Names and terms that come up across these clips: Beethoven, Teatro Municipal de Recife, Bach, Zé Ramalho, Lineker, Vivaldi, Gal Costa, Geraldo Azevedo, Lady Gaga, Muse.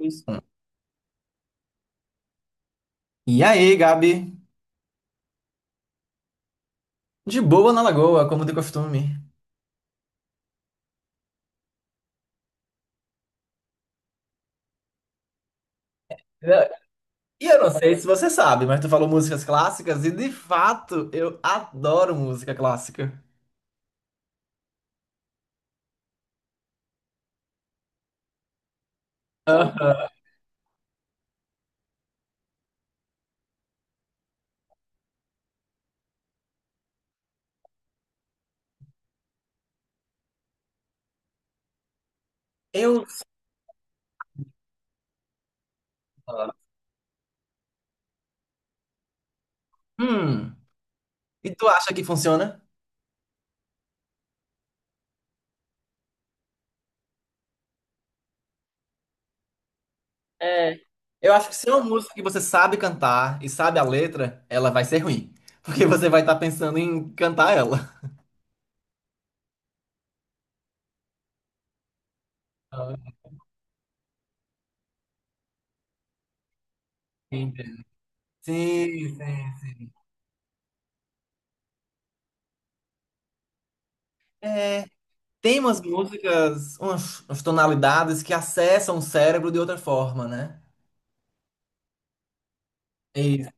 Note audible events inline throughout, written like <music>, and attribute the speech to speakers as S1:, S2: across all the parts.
S1: Isso. E aí, Gabi? De boa na lagoa, como de costume. E eu não sei se você sabe, mas tu falou músicas clássicas e de fato eu adoro música clássica. Aham. Eu. Hum. E tu acha que funciona? É, eu acho que se é uma música que você sabe cantar e sabe a letra, ela vai ser ruim. Porque você vai estar pensando em cantar ela. Ah, entendo. Sim, sim. É, tem umas músicas, umas tonalidades que acessam o cérebro de outra forma, né? Isso.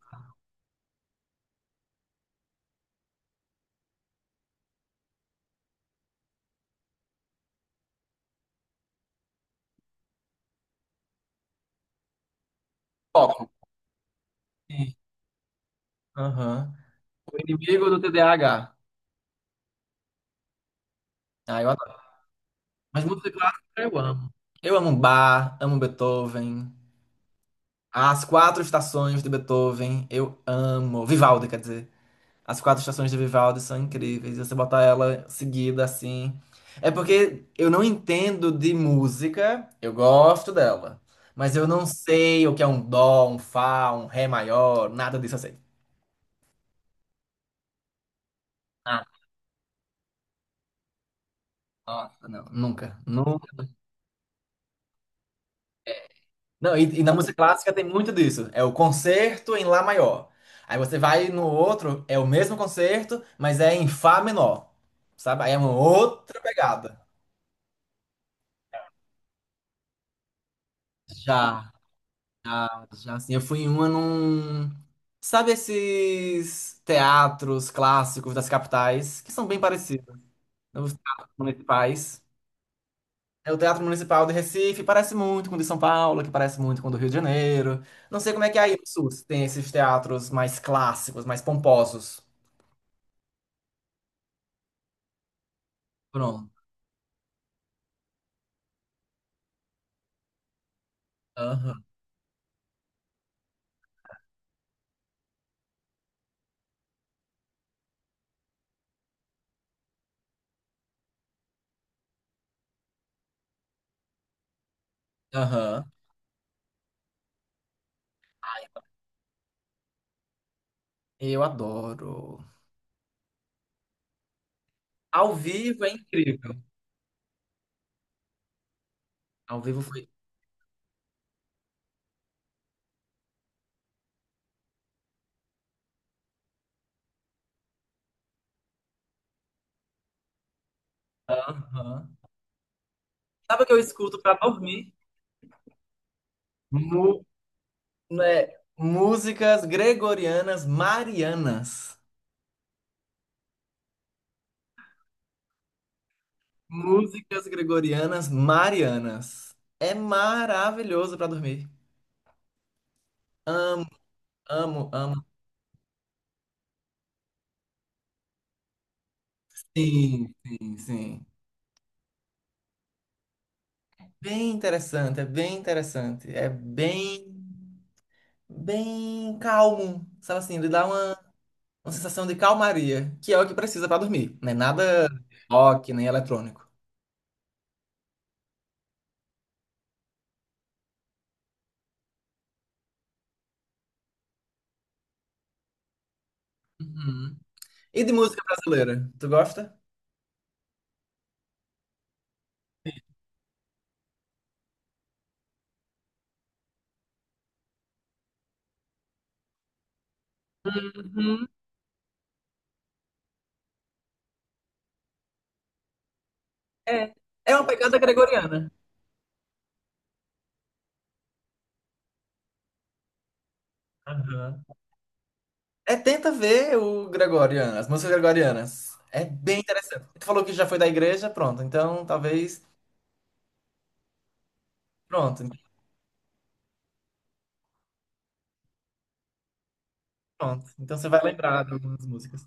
S1: Foco. Sim. Aham. O inimigo do TDAH. Ah, eu adoro. Mas música clássica eu amo. Eu amo Bach, amo Beethoven. As quatro estações de Beethoven, eu amo. Vivaldi, quer dizer. As quatro estações de Vivaldi são incríveis. Você botar ela seguida assim. É porque eu não entendo de música, eu gosto dela. Mas eu não sei o que é um dó, um fá, um ré maior, nada disso eu sei. Ah, nossa, não, nunca. Não, e na música clássica tem muito disso. É o concerto em Lá maior. Aí você vai no outro, é o mesmo concerto, mas é em Fá menor. Sabe? Aí é uma outra pegada. Já. Já, já assim, eu fui em uma num. Sabe esses teatros clássicos das capitais, que são bem parecidos, né? Os teatros municipais? É o Teatro Municipal de Recife, parece muito com o de São Paulo, que parece muito com o do Rio de Janeiro. Não sei como é que é aí no Sul, se tem esses teatros mais clássicos, mais pomposos. Pronto. Aham, aham. Eu adoro. Ao vivo é incrível. Ao vivo foi. Aham. Sabe o que eu escuto pra dormir? Né? Músicas gregorianas marianas. Músicas gregorianas marianas. É maravilhoso para dormir. Amo, amo. Sim, sim, sim. Bem interessante, é bem interessante. É bem, bem calmo. Sabe assim, ele dá uma sensação de calmaria, que é o que precisa para dormir. Não é nada rock, nem eletrônico. Uhum. E de música brasileira? Tu gosta? Uhum. É. É uma pegada gregoriana. Aham. É, tenta ver o Gregoriano, as músicas gregorianas. É bem interessante. Tu falou que já foi da igreja, pronto. Então, talvez. Pronto, então, pronto. Então você vai lembrar de algumas músicas.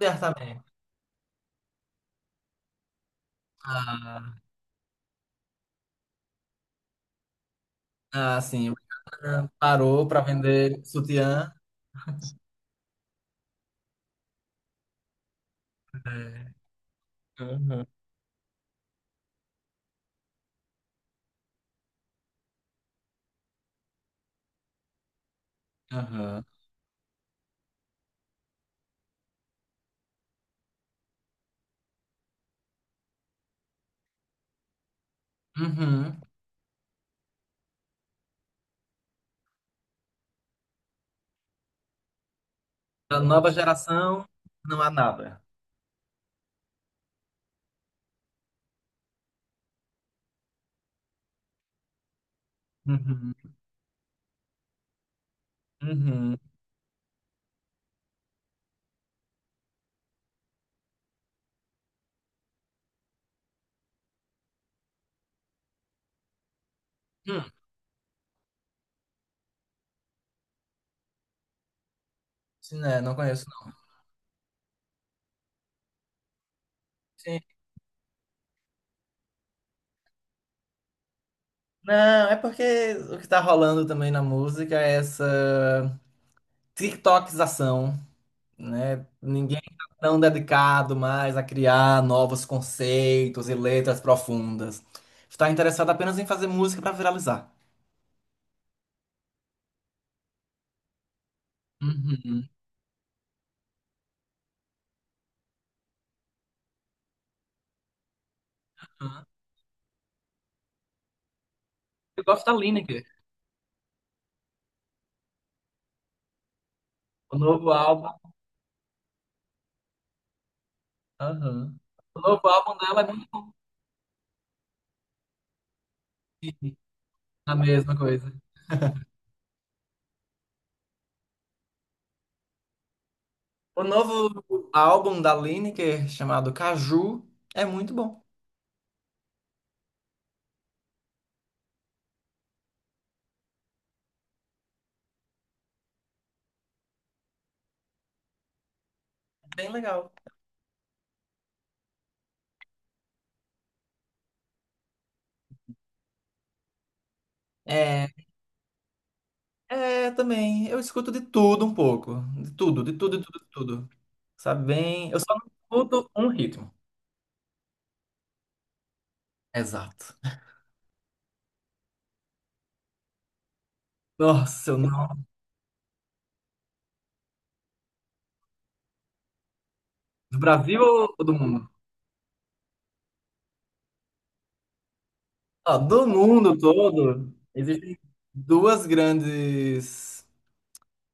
S1: Certamente. Ah, ah, sim. Rihanna parou para vender sutiã. É. Aham. Aham. Uhum. Da nova geração, não há nada. Uhum. Uhum. Hum. Sim, né? Não conheço, não. Sim. Não, é porque o que tá rolando também na música é essa. TikTokização, né? Ninguém tá tão dedicado mais a criar novos conceitos e letras profundas. Está interessado apenas em fazer música para viralizar. Uhum. Aham. Eu gosto da Lineker. O novo álbum. Aham. O novo álbum dela é muito bom. A mesma coisa. O novo álbum da Lineker, chamado Caju, é muito bom. É bem legal. É, é também. Eu escuto de tudo um pouco. De tudo, de tudo, de tudo, de tudo. Sabe bem? Eu só não escuto um ritmo. Exato. Nossa, eu não. Do Brasil ou do mundo? Ah, do mundo todo, existem duas grandes.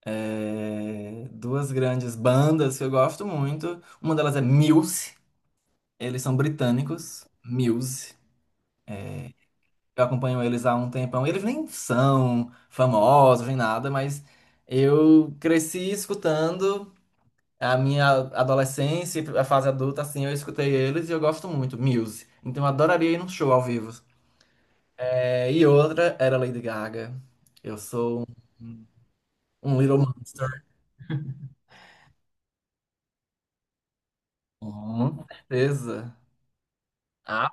S1: É, duas grandes bandas que eu gosto muito. Uma delas é Muse. Eles são britânicos. Muse. Eu acompanho eles há um tempão. Eles nem são famosos, nem nada, mas eu cresci escutando. A minha adolescência, e a fase adulta, assim, eu escutei eles e eu gosto muito, Muse. Então eu adoraria ir num show ao vivo. É, e outra era Lady Gaga. Eu sou um, um Little Monster. Com certeza. Ah,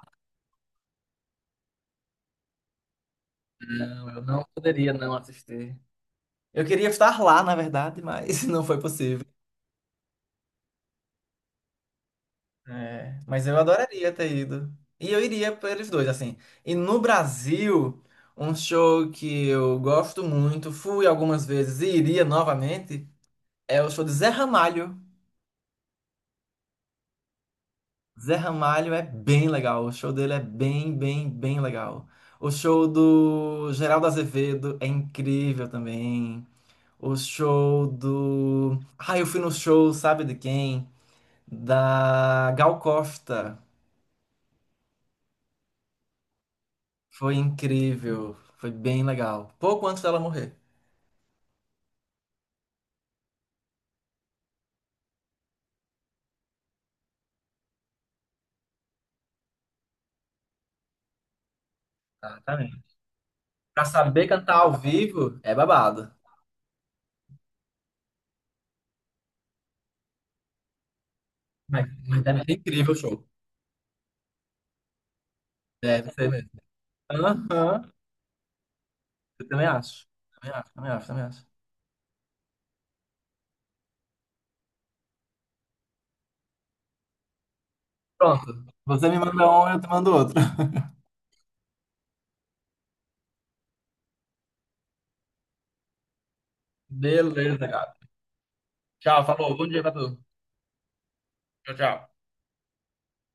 S1: não, eu não poderia não assistir. Eu queria estar lá, na verdade, mas <laughs> não foi possível. É, mas eu adoraria ter ido. E eu iria para eles dois, assim. E no Brasil, um show que eu gosto muito, fui algumas vezes e iria novamente. É o show de Zé Ramalho. Zé Ramalho é bem legal. O show dele é bem, bem, bem legal. O show do Geraldo Azevedo é incrível também. O show do. Ah, eu fui no show, sabe de quem? Da Gal Costa. Foi incrível. Foi bem legal. Pouco antes dela morrer. Exatamente. Pra saber cantar ao vivo é babado. Mas deve ser incrível o show. Deve ser mesmo. Aham. Eu também acho. Também acho, também acho, também acho. Pronto. Você me manda um, eu te mando outro. Beleza, cara. Tchau, falou. Bom dia pra tu. Tchau, tchau.